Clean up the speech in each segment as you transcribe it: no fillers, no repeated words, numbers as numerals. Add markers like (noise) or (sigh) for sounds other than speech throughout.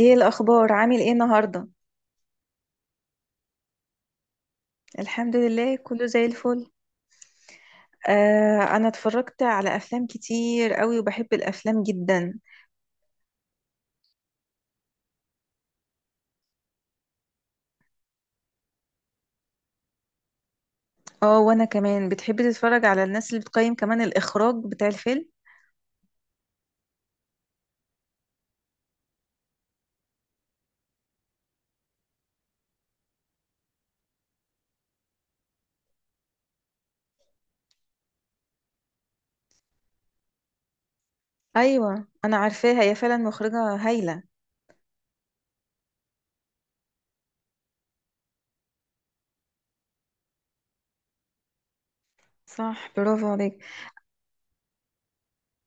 ايه الاخبار؟ عامل ايه النهارده؟ الحمد لله كله زي الفل. آه، انا اتفرجت على افلام كتير قوي وبحب الافلام جدا. اه، وانا كمان بتحب تتفرج على الناس اللي بتقيم كمان الاخراج بتاع الفيلم. ايوه انا عارفاها، هي فعلا مخرجة هايلة. صح، برافو عليك.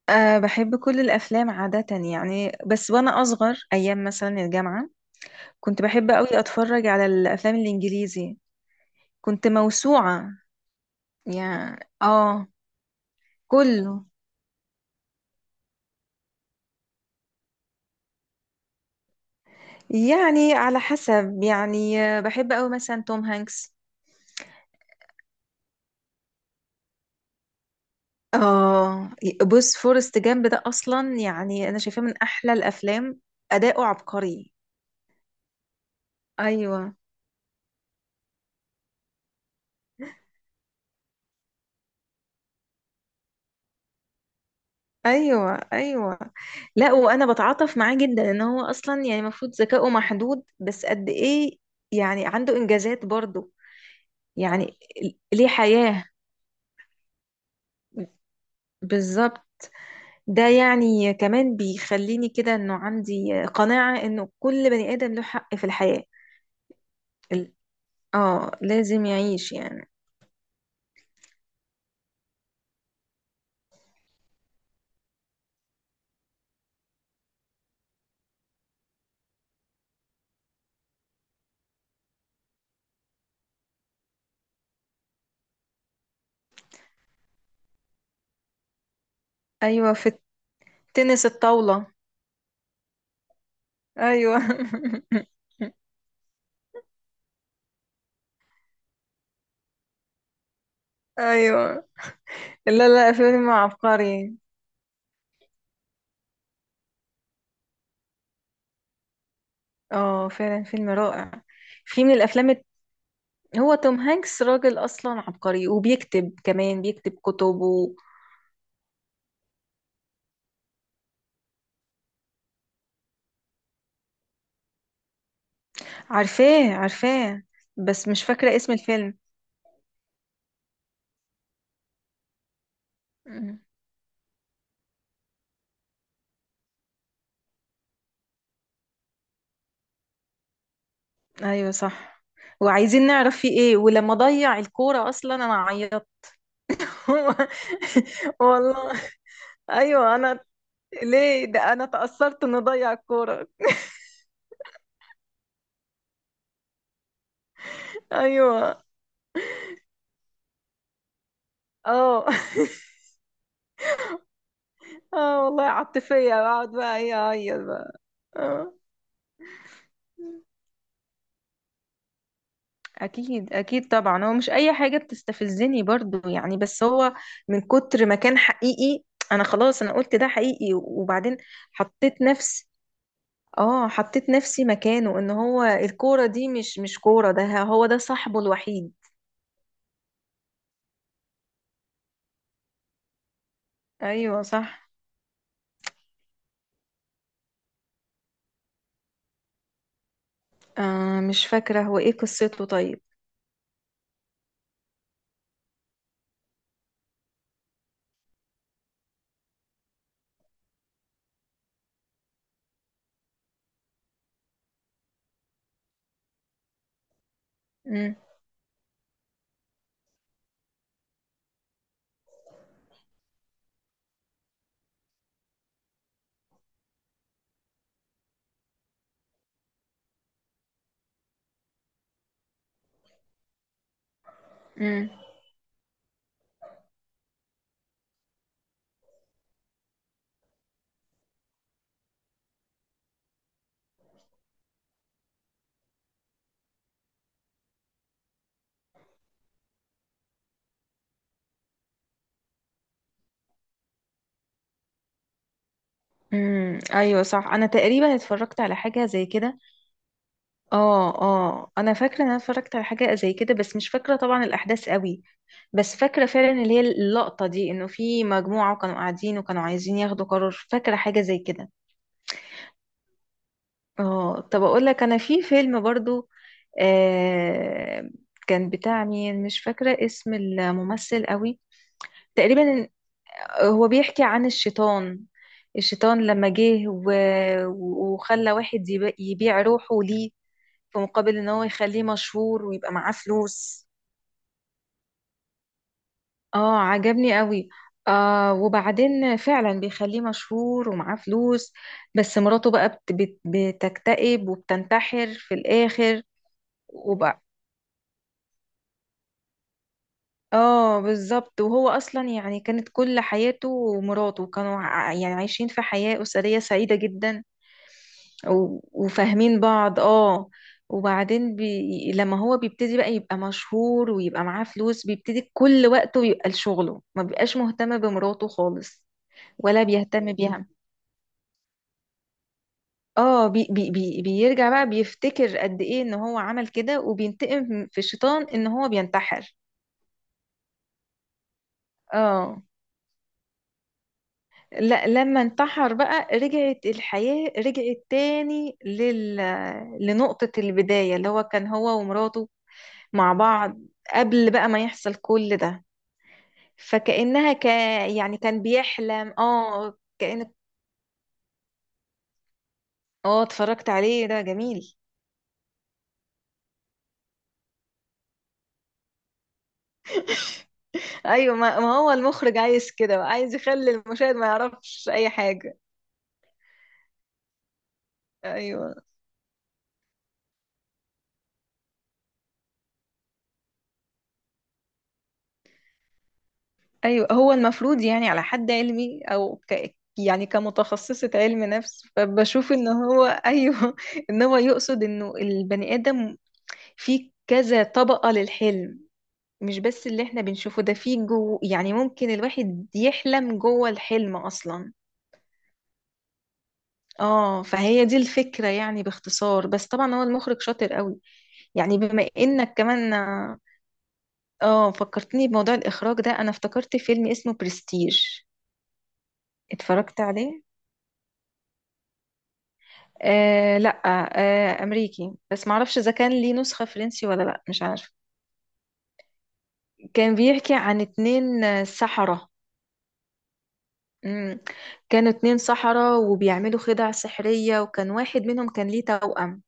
أه، بحب كل الأفلام عادة. يعني بس وأنا أصغر، أيام مثلا الجامعة كنت بحب أوي أتفرج على الأفلام الإنجليزي. كنت موسوعة يعني. آه كله. يعني على حسب يعني بحب قوي مثلا توم هانكس. اه، بص فورست جامب ده اصلا يعني انا شايفاه من احلى الافلام. اداؤه عبقري. ايوه. ايوه. ايوه، لا وانا بتعاطف معاه جدا ان هو اصلا يعني المفروض ذكائه محدود، بس قد ايه يعني، عنده انجازات برضه. يعني ليه حياة. بالظبط. ده يعني كمان بيخليني كده، انه عندي قناعة انه كل بني ادم له حق في الحياة. اه، لازم يعيش يعني. ايوه، في التنس الطاولة. ايوه. (laughs) ايوه. لا لا، فيلم عبقري. اه فعلا، فيلم رائع. في من الافلام هو توم هانكس راجل اصلا عبقري، وبيكتب، كمان بيكتب كتب عارفاه عارفاه، بس مش فاكرة اسم الفيلم. أمم. ايوه صح، وعايزين نعرف فيه ايه. ولما ضيع الكورة اصلا انا عيطت. (laughs) والله. ايوه انا، ليه ده؟ انا تأثرت انه ضيع الكورة. ايوه. اه. (laughs) اه والله عاطفية، بقعد بقى ايه، اعيط بقى. اه. اكيد اكيد، طبعا هو مش اي حاجه بتستفزني برضو يعني، بس هو من كتر ما كان حقيقي انا، خلاص انا قلت ده حقيقي وبعدين حطيت نفسي. اه، حطيت نفسي مكانه، ان هو الكوره دي مش كوره، ده هو ده صاحبه الوحيد. ايوه صح. آه، مش فاكره هو ايه قصته طيب. امم. امم، ايوه صح، انا تقريبا اتفرجت على حاجه زي كده. اه اه، انا فاكره ان انا اتفرجت على حاجه زي كده، بس مش فاكره طبعا الاحداث قوي. بس فاكره فعلا اللي هي اللقطه دي، انه في مجموعه وكانوا قاعدين وكانوا عايزين ياخدوا قرار. فاكره حاجه زي كده. اه، طب اقول لك، انا في فيلم برضو، آه كان بتاع مين، مش فاكره اسم الممثل قوي. تقريبا هو بيحكي عن الشيطان. الشيطان لما جه وخلى واحد يبيع روحه ليه، في مقابل ان هو يخليه مشهور ويبقى معاه فلوس. اه، عجبني قوي. آه وبعدين فعلا بيخليه مشهور ومعاه فلوس. بس مراته بقى بت بت بتكتئب وبتنتحر في الآخر. اه بالظبط، وهو اصلا يعني كانت كل حياته ومراته كانوا يعني عايشين في حياة أسرية سعيدة جدا وفاهمين بعض اه. وبعدين لما هو بيبتدي بقى يبقى مشهور ويبقى معاه فلوس، بيبتدي كل وقته يبقى لشغله، ما بيبقاش مهتم بمراته خالص. ولا بيهتم بيها. اه، بيرجع بقى، بيفتكر قد ايه ان هو عمل كده، وبينتقم في الشيطان ان هو بينتحر. اه. لا، لما انتحر بقى رجعت الحياة، رجعت تاني لنقطة البداية اللي هو كان هو ومراته مع بعض، قبل بقى ما يحصل كل ده. فكأنها يعني كان بيحلم، اه كأن. اه اتفرجت عليه، ده جميل. ايوه ما هو المخرج عايز كده بقى، عايز يخلي المشاهد ما يعرفش اي حاجة. ايوه. ايوه، هو المفروض يعني على حد علمي، او يعني كمتخصصة علم نفس، فبشوف ان هو ايوه. (laughs) ان هو يقصد انه البني ادم فيه كذا طبقة للحلم. مش بس اللي احنا بنشوفه ده، فيه جو يعني ممكن الواحد يحلم جوه الحلم اصلا. اه، فهي دي الفكرة يعني باختصار، بس طبعا هو المخرج شاطر قوي. يعني بما انك كمان، اه فكرتني بموضوع الاخراج ده، انا افتكرت فيلم اسمه برستيج. اتفرجت عليه. آه لا، آه امريكي، بس معرفش اذا كان ليه نسخة فرنسي ولا لا، مش عارف. كان بيحكي عن اتنين سحرة. مم. كانوا اتنين سحرة وبيعملوا خدع سحرية، وكان واحد منهم كان ليه توأم.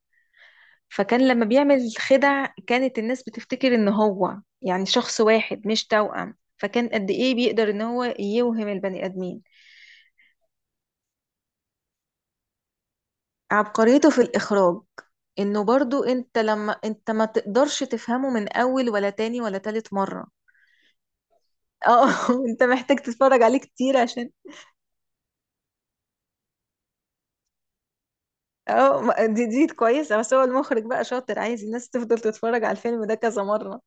فكان لما بيعمل خدع، كانت الناس بتفتكر ان هو يعني شخص واحد مش توأم. فكان قد ايه بيقدر ان هو يوهم البني ادمين. عبقريته في الإخراج. إنه برضو، أنت لما أنت ما تقدرش تفهمه من أول ولا تاني ولا تالت مرة. اه (laughs) انت محتاج تتفرج عليه كتير عشان. اه دي كويسة، بس هو المخرج بقى شاطر، عايز الناس تفضل تتفرج على الفيلم ده كذا مرة.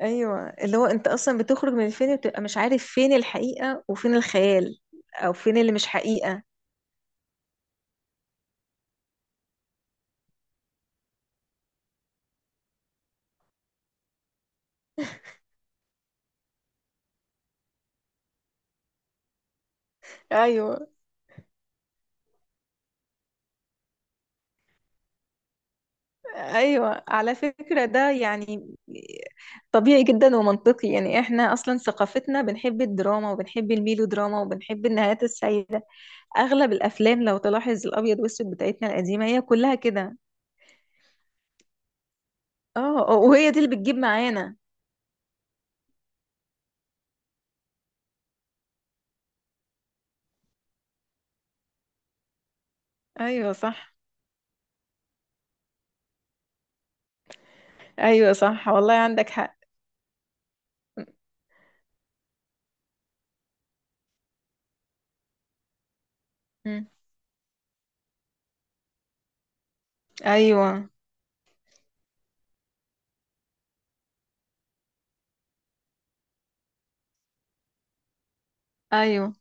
ايوه، اللي هو انت اصلا بتخرج من الفيلم بتبقى مش عارف فين الحقيقة وفين الخيال، او فين اللي مش حقيقة. ايوه ايوه، على فكرة ده يعني طبيعي جدا ومنطقي، يعني احنا اصلا ثقافتنا بنحب الدراما وبنحب الميلو دراما وبنحب النهايات السعيدة. اغلب الافلام لو تلاحظ، الابيض والاسود بتاعتنا القديمة هي كلها كده. اه. آه، وهي دي اللي بتجيب معانا. ايوه صح. ايوه صح والله، عندك حق. م- ايوه. ايوه.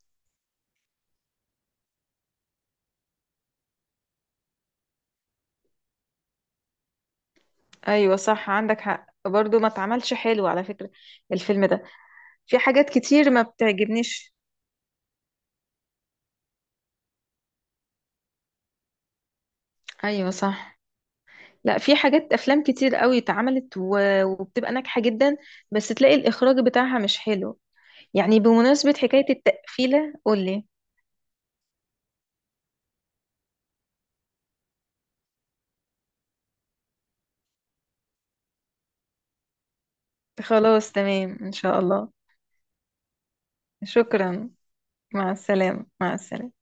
ايوه صح، عندك حق برضو، ما اتعملش حلو على فكرة الفيلم ده، في حاجات كتير ما بتعجبنيش. ايوه صح. لا، في حاجات، افلام كتير قوي اتعملت وبتبقى ناجحة جدا، بس تلاقي الاخراج بتاعها مش حلو. يعني بمناسبة حكاية التقفيلة قولي. خلاص تمام ان شاء الله. شكرا. مع السلامة مع السلامة.